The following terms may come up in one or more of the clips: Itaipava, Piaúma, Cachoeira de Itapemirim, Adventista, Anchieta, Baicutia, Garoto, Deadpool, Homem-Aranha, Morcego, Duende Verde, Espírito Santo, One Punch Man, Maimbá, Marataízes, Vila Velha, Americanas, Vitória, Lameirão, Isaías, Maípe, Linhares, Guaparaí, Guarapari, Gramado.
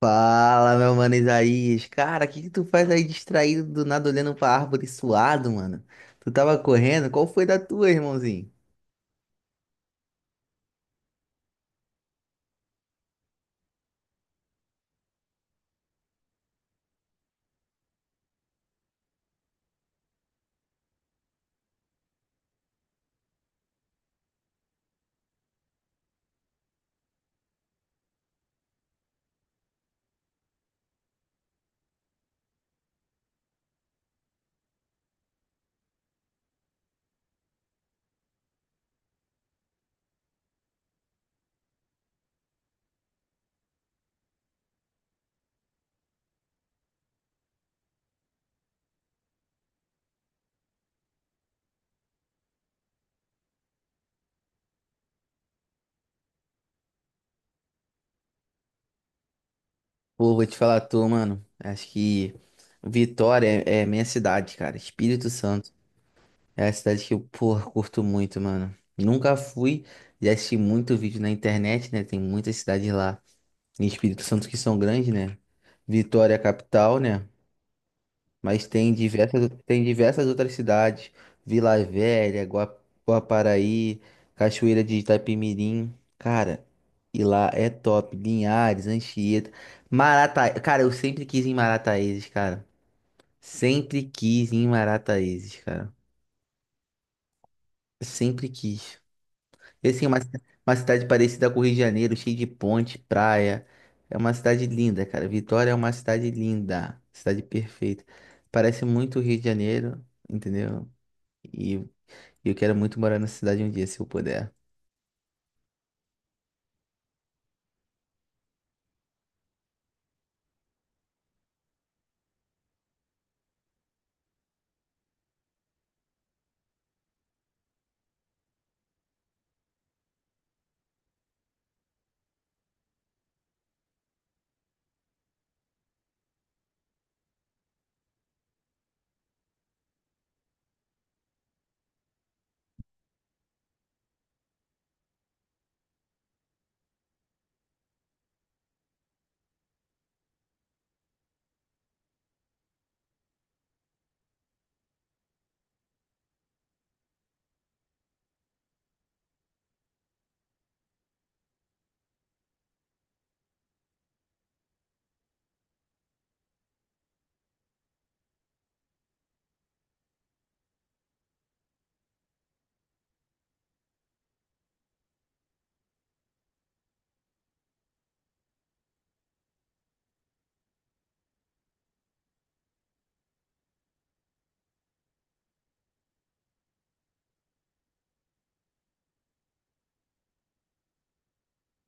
Fala, meu mano Isaías. Cara, o que que tu faz aí distraído do nada olhando pra árvore suado, mano? Tu tava correndo? Qual foi da tua, irmãozinho? Pô, vou te falar a tua, mano. Acho que Vitória é minha cidade, cara. Espírito Santo. É a cidade que eu, pô, curto muito, mano. Nunca fui, já assisti muito vídeo na internet, né? Tem muitas cidades lá em Espírito Santo que são grandes, né? Vitória é a capital, né? Mas tem diversas outras cidades, Vila Velha, Guaparaí, Cachoeira de Itapemirim. Cara, e lá é top. Linhares, Anchieta, Marataízes. Cara, eu sempre quis ir em Marataízes, cara. Sempre quis ir em Marataízes, cara. Sempre quis. E assim, é uma cidade parecida com o Rio de Janeiro, cheia de ponte, praia. É uma cidade linda, cara. Vitória é uma cidade linda, cidade perfeita. Parece muito o Rio de Janeiro, entendeu? E eu quero muito morar nessa cidade um dia, se eu puder.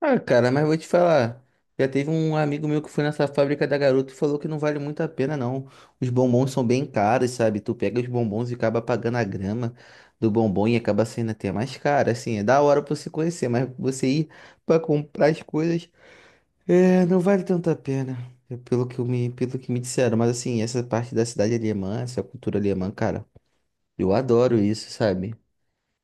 Ah, cara, mas vou te falar. Já teve um amigo meu que foi nessa fábrica da Garoto e falou que não vale muito a pena, não. Os bombons são bem caros, sabe? Tu pega os bombons e acaba pagando a grama do bombom e acaba sendo até mais caro. Assim, é da hora pra você conhecer, mas você ir pra comprar as coisas, é, não vale tanto a pena. É, pelo que eu pelo que me disseram. Mas assim, essa parte da cidade alemã, essa cultura alemã, cara, eu adoro isso, sabe?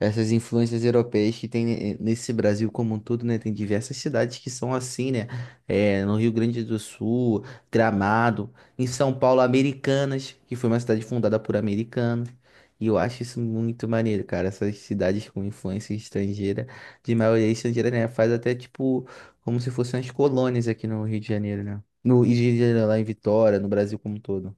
Essas influências europeias que tem nesse Brasil como um todo, né? Tem diversas cidades que são assim, né? É, no Rio Grande do Sul, Gramado, em São Paulo, Americanas, que foi uma cidade fundada por americanos. E eu acho isso muito maneiro, cara. Essas cidades com influência estrangeira, de maioria estrangeira, né? Faz até tipo como se fossem as colônias aqui no Rio de Janeiro, né? No Rio de Janeiro, lá em Vitória, no Brasil como um todo.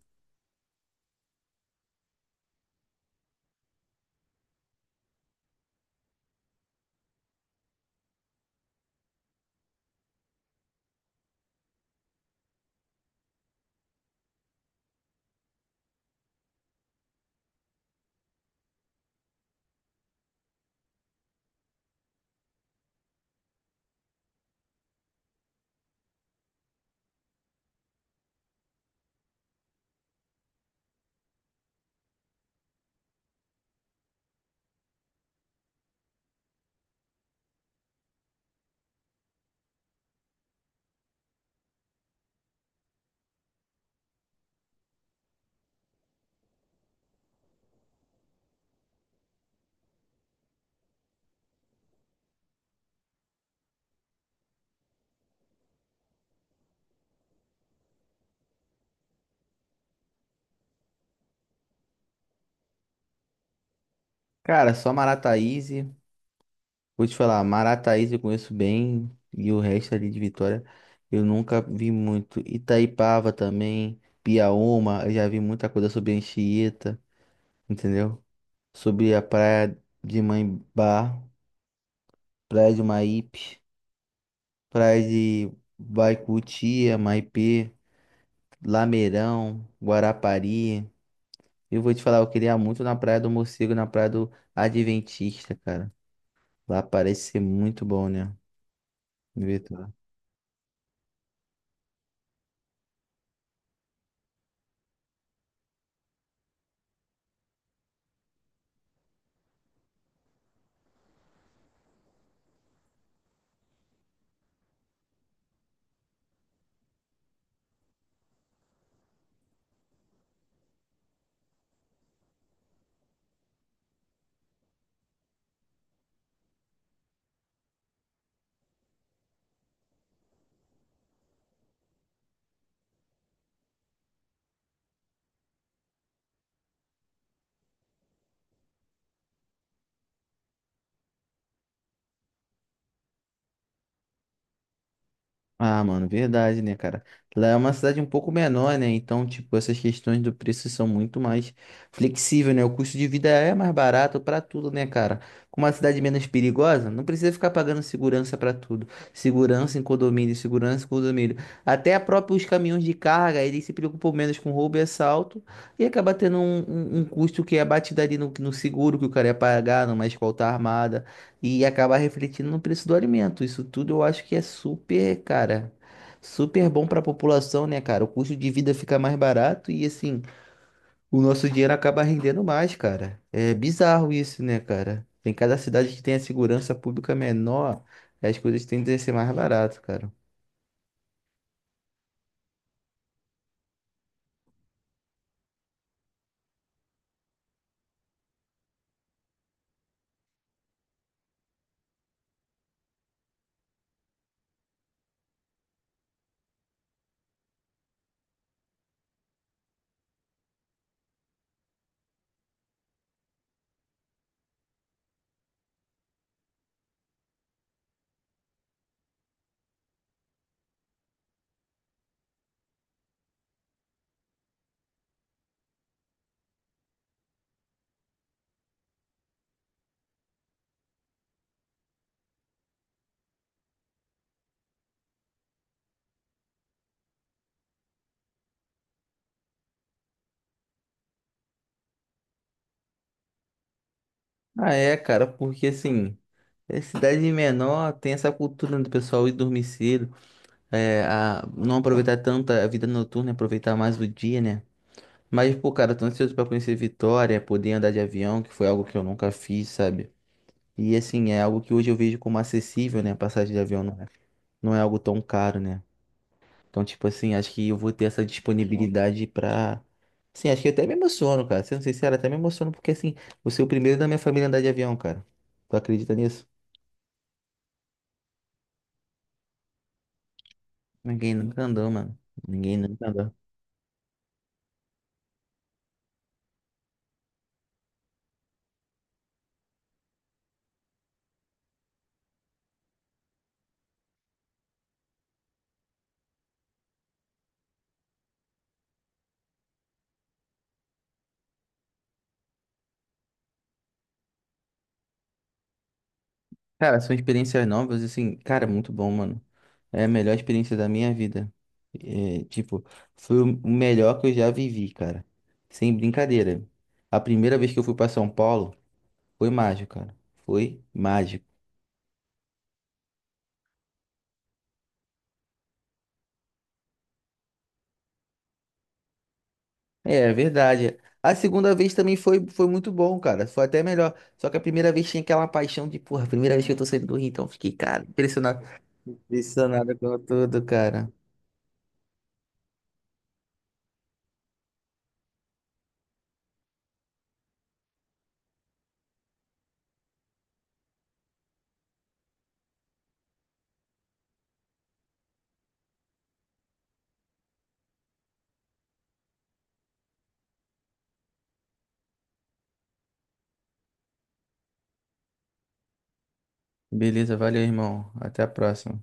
Cara, só Marataízes. Vou te falar, Marataízes eu conheço bem e o resto ali de Vitória eu nunca vi muito. Itaipava também, Piaúma, eu já vi muita coisa sobre Anchieta, entendeu? Sobre a praia de Maimbá, praia de Maípe, praia de Baicutia, Maipê, Lameirão, Guarapari. Eu vou te falar, eu queria muito na praia do Morcego, na praia do Adventista, cara. Lá parece ser muito bom, né? Ah, mano, verdade, né, cara? Lá é uma cidade um pouco menor, né? Então, tipo, essas questões do preço são muito mais flexíveis, né? O custo de vida é mais barato pra tudo, né, cara? Com uma cidade menos perigosa, não precisa ficar pagando segurança pra tudo. Segurança em condomínio, segurança em condomínio. Até a própria, os caminhões de carga, eles se preocupam menos com roubo e assalto e acaba tendo um custo que é abatido ali no seguro que o cara ia pagar, numa escolta armada, e acabar refletindo no preço do alimento. Isso tudo eu acho que é super, cara, super bom para a população, né, cara? O custo de vida fica mais barato e assim, o nosso dinheiro acaba rendendo mais, cara. É bizarro isso, né, cara? Tem cada cidade que tem a segurança pública menor, as coisas tendem a ser mais barato, cara. Ah, é, cara, porque assim, é cidade menor, tem essa cultura, né, do pessoal ir dormir cedo, é, a, não aproveitar tanto a vida noturna, aproveitar mais o dia, né? Mas, pô, cara, tô ansioso pra conhecer Vitória, poder andar de avião, que foi algo que eu nunca fiz, sabe? E, assim, é algo que hoje eu vejo como acessível, né? A passagem de avião não é algo tão caro, né? Então, tipo assim, acho que eu vou ter essa disponibilidade pra... Sim, acho que eu até me emociono, cara. Sendo sincero, até me emociono, porque, assim, você é o primeiro da minha família a andar de avião, cara. Tu acredita nisso? Ninguém nunca andou, mano. Ninguém nunca andou. Cara, são experiências novas, assim, cara, muito bom, mano. É a melhor experiência da minha vida. É, tipo, foi o melhor que eu já vivi, cara. Sem brincadeira. A primeira vez que eu fui pra São Paulo foi mágico, cara. Foi mágico. É, é verdade. A segunda vez também foi muito bom, cara. Foi até melhor. Só que a primeira vez tinha aquela paixão de, porra, primeira vez que eu tô saindo do Rio, então eu fiquei, cara, impressionado, impressionado com tudo, cara. Beleza, valeu, irmão. Até a próxima.